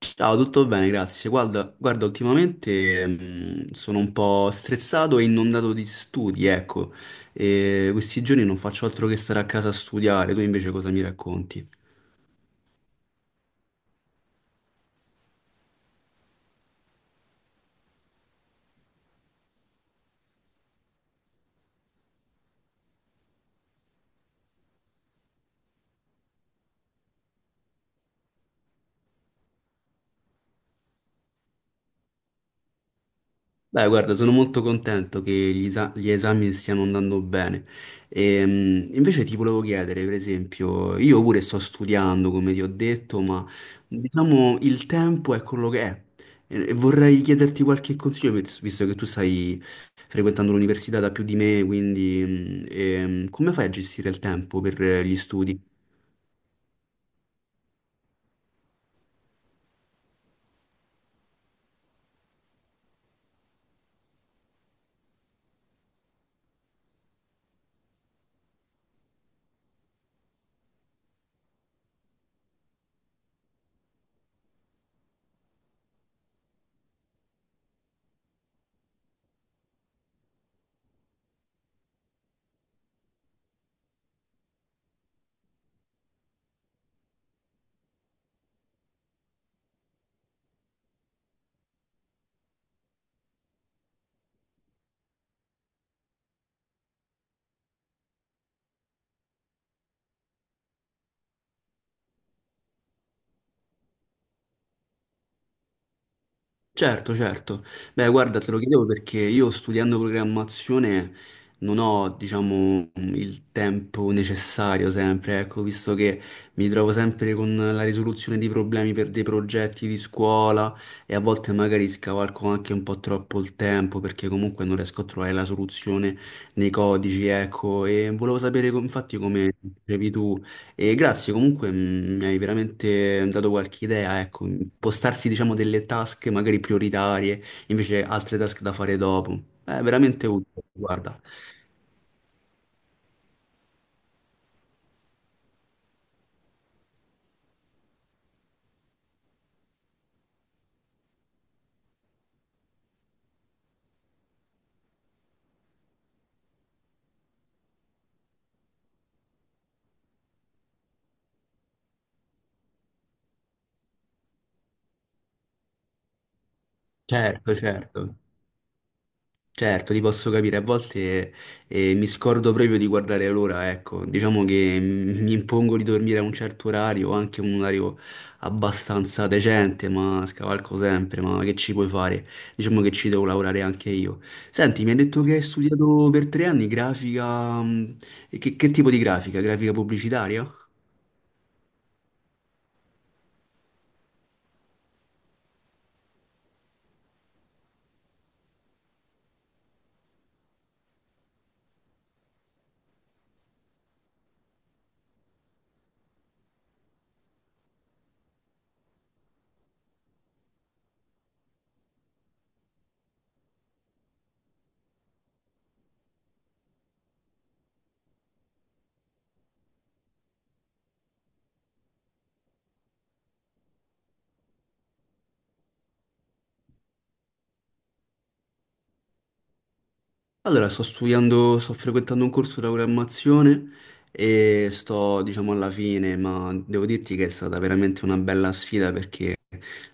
Ciao, tutto bene, grazie. Guarda, guarda, ultimamente sono un po' stressato e inondato di studi, ecco. E questi giorni non faccio altro che stare a casa a studiare. Tu invece cosa mi racconti? Beh, guarda, sono molto contento che gli esami stiano andando bene. Invece ti volevo chiedere, per esempio, io pure sto studiando, come ti ho detto, ma diciamo il tempo è quello che è. E vorrei chiederti qualche consiglio, visto che tu stai frequentando l'università da più di me, quindi come fai a gestire il tempo per gli studi? Certo, certo. Beh, guarda, te lo chiedevo perché io studiando programmazione non ho, diciamo, il tempo necessario sempre, ecco, visto che mi trovo sempre con la risoluzione di problemi per dei progetti di scuola e a volte magari scavalco anche un po' troppo il tempo perché comunque non riesco a trovare la soluzione nei codici, ecco, e volevo sapere infatti come dicevi tu. E grazie, comunque mi hai veramente dato qualche idea, ecco, impostarsi diciamo delle task magari prioritarie, invece altre task da fare dopo. È veramente utile, guarda. Certo, certo. Certo, ti posso capire, a volte mi scordo proprio di guardare l'ora, ecco, diciamo che mi impongo di dormire a un certo orario, anche un orario abbastanza decente, ma scavalco sempre, ma che ci puoi fare? Diciamo che ci devo lavorare anche io. Senti, mi hai detto che hai studiato per 3 anni grafica, e che tipo di grafica? Grafica pubblicitaria? Allora, sto studiando, sto frequentando un corso di programmazione e sto, diciamo, alla fine, ma devo dirti che è stata veramente una bella sfida perché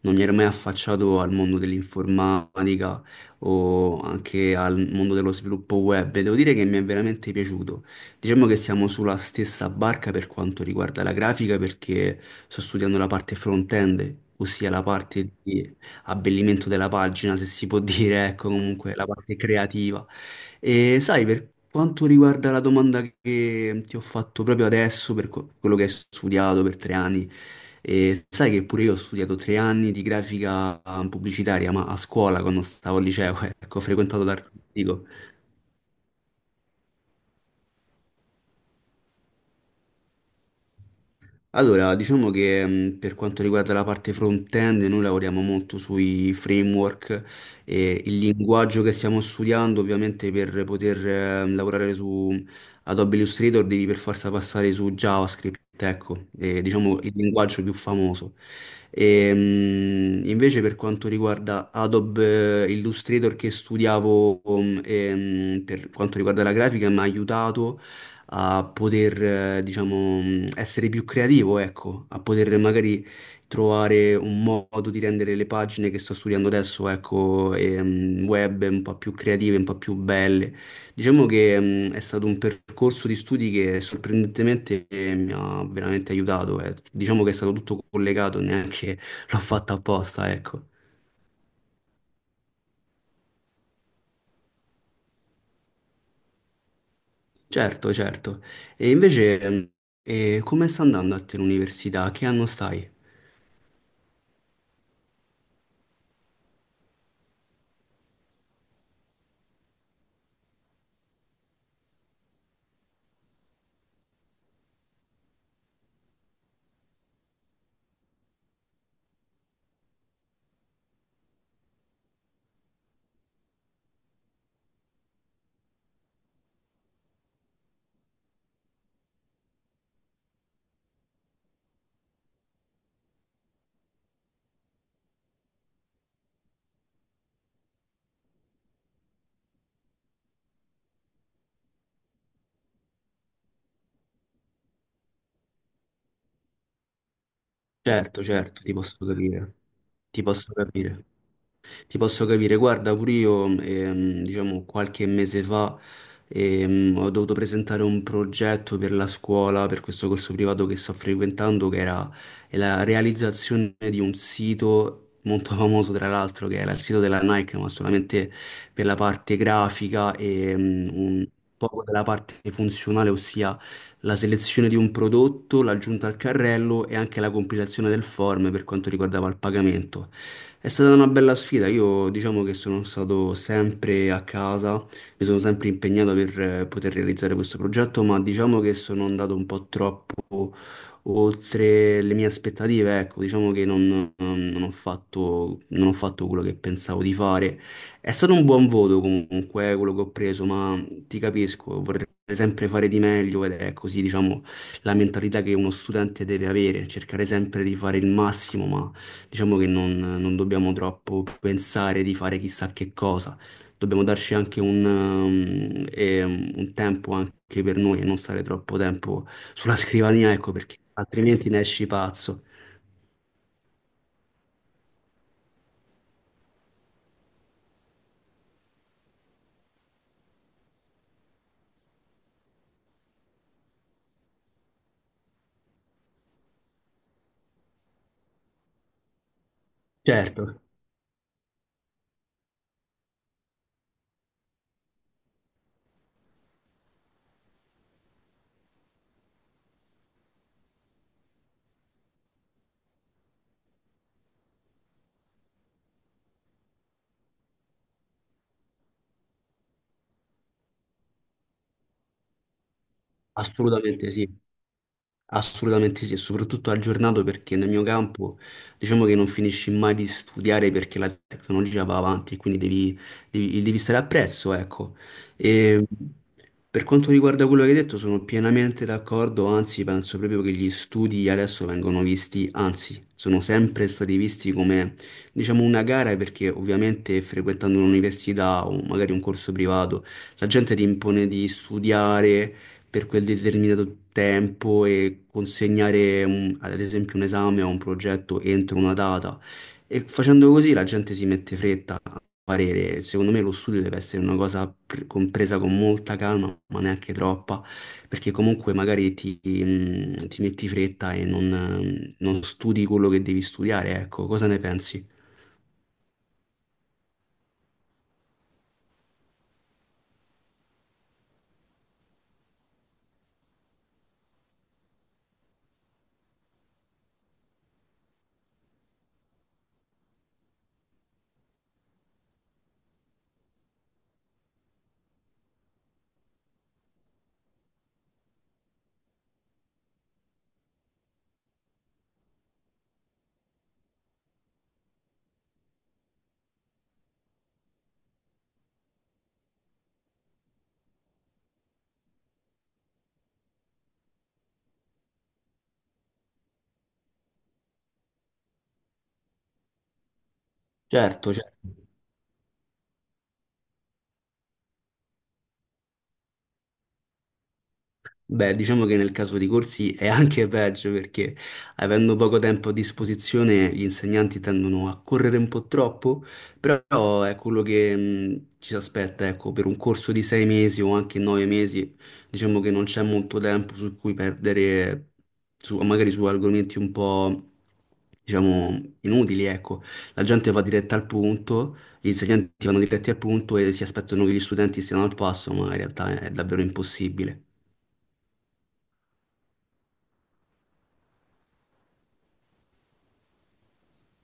non mi ero mai affacciato al mondo dell'informatica o anche al mondo dello sviluppo web e devo dire che mi è veramente piaciuto. Diciamo che siamo sulla stessa barca per quanto riguarda la grafica perché sto studiando la parte front-end, ossia la parte di abbellimento della pagina, se si può dire, ecco, comunque la parte creativa. E sai, per quanto riguarda la domanda che ti ho fatto proprio adesso, per quello che hai studiato per 3 anni, e sai che pure io ho studiato 3 anni di grafica pubblicitaria, ma a scuola quando stavo al liceo, ecco, ho frequentato l'artistico. Allora, diciamo che per quanto riguarda la parte front-end, noi lavoriamo molto sui framework e il linguaggio che stiamo studiando, ovviamente per poter lavorare su Adobe Illustrator devi per forza passare su JavaScript, ecco, diciamo il linguaggio più famoso. E, invece per quanto riguarda Adobe Illustrator che studiavo, per quanto riguarda la grafica, mi ha aiutato a poter, diciamo, essere più creativo, ecco, a poter magari trovare un modo di rendere le pagine che sto studiando adesso, ecco, e, web un po' più creative, un po' più belle. Diciamo che è stato un percorso di studi che sorprendentemente mi ha veramente aiutato, eh. Diciamo che è stato tutto collegato, neanche l'ho fatta apposta, ecco. Certo, certo. E invece, come sta andando a te l'università? Che anno stai? Certo, certo, ti posso capire, ti posso capire, ti posso capire. Guarda, pure io, diciamo, qualche mese fa ho dovuto presentare un progetto per la scuola, per questo corso privato che sto frequentando, che era è la realizzazione di un sito. Molto famoso tra l'altro che era il sito della Nike, ma solamente per la parte grafica e un poco della parte funzionale, ossia la selezione di un prodotto, l'aggiunta al carrello e anche la compilazione del form per quanto riguardava il pagamento. È stata una bella sfida, io diciamo che sono stato sempre a casa, mi sono sempre impegnato per poter realizzare questo progetto, ma diciamo che sono andato un po' troppo oltre le mie aspettative, ecco, diciamo che non ho fatto quello che pensavo di fare. È stato un buon voto comunque quello che ho preso, ma ti capisco, vorrei sempre fare di meglio ed è così, diciamo, la mentalità che uno studente deve avere, cercare sempre di fare il massimo. Ma diciamo che non dobbiamo troppo pensare di fare chissà che cosa, dobbiamo darci anche un tempo anche per noi e non stare troppo tempo sulla scrivania, ecco, perché altrimenti ne esci pazzo. Certo, assolutamente sì. Assolutamente sì, e soprattutto aggiornato perché nel mio campo diciamo che non finisci mai di studiare perché la tecnologia va avanti e quindi devi, devi stare appresso, ecco. E per quanto riguarda quello che hai detto sono pienamente d'accordo, anzi penso proprio che gli studi adesso vengono visti, anzi sono sempre stati visti come diciamo una gara, perché ovviamente frequentando un'università o magari un corso privato la gente ti impone di studiare per quel determinato tempo e consegnare ad esempio un esame o un progetto entro una data. E facendo così la gente si mette fretta a parere. Secondo me lo studio deve essere una cosa compresa con molta calma, ma neanche troppa, perché comunque magari ti, ti metti fretta e non studi quello che devi studiare, ecco, cosa ne pensi? Certo, certo. Beh, diciamo che nel caso di corsi è anche peggio perché avendo poco tempo a disposizione gli insegnanti tendono a correre un po' troppo, però è quello che ci si aspetta, ecco, per un corso di 6 mesi o anche 9 mesi, diciamo che non c'è molto tempo su cui perdere, su- magari su argomenti un po', diciamo, inutili, ecco. La gente va diretta al punto, gli insegnanti vanno diretti al punto e si aspettano che gli studenti siano al passo, ma in realtà è davvero impossibile.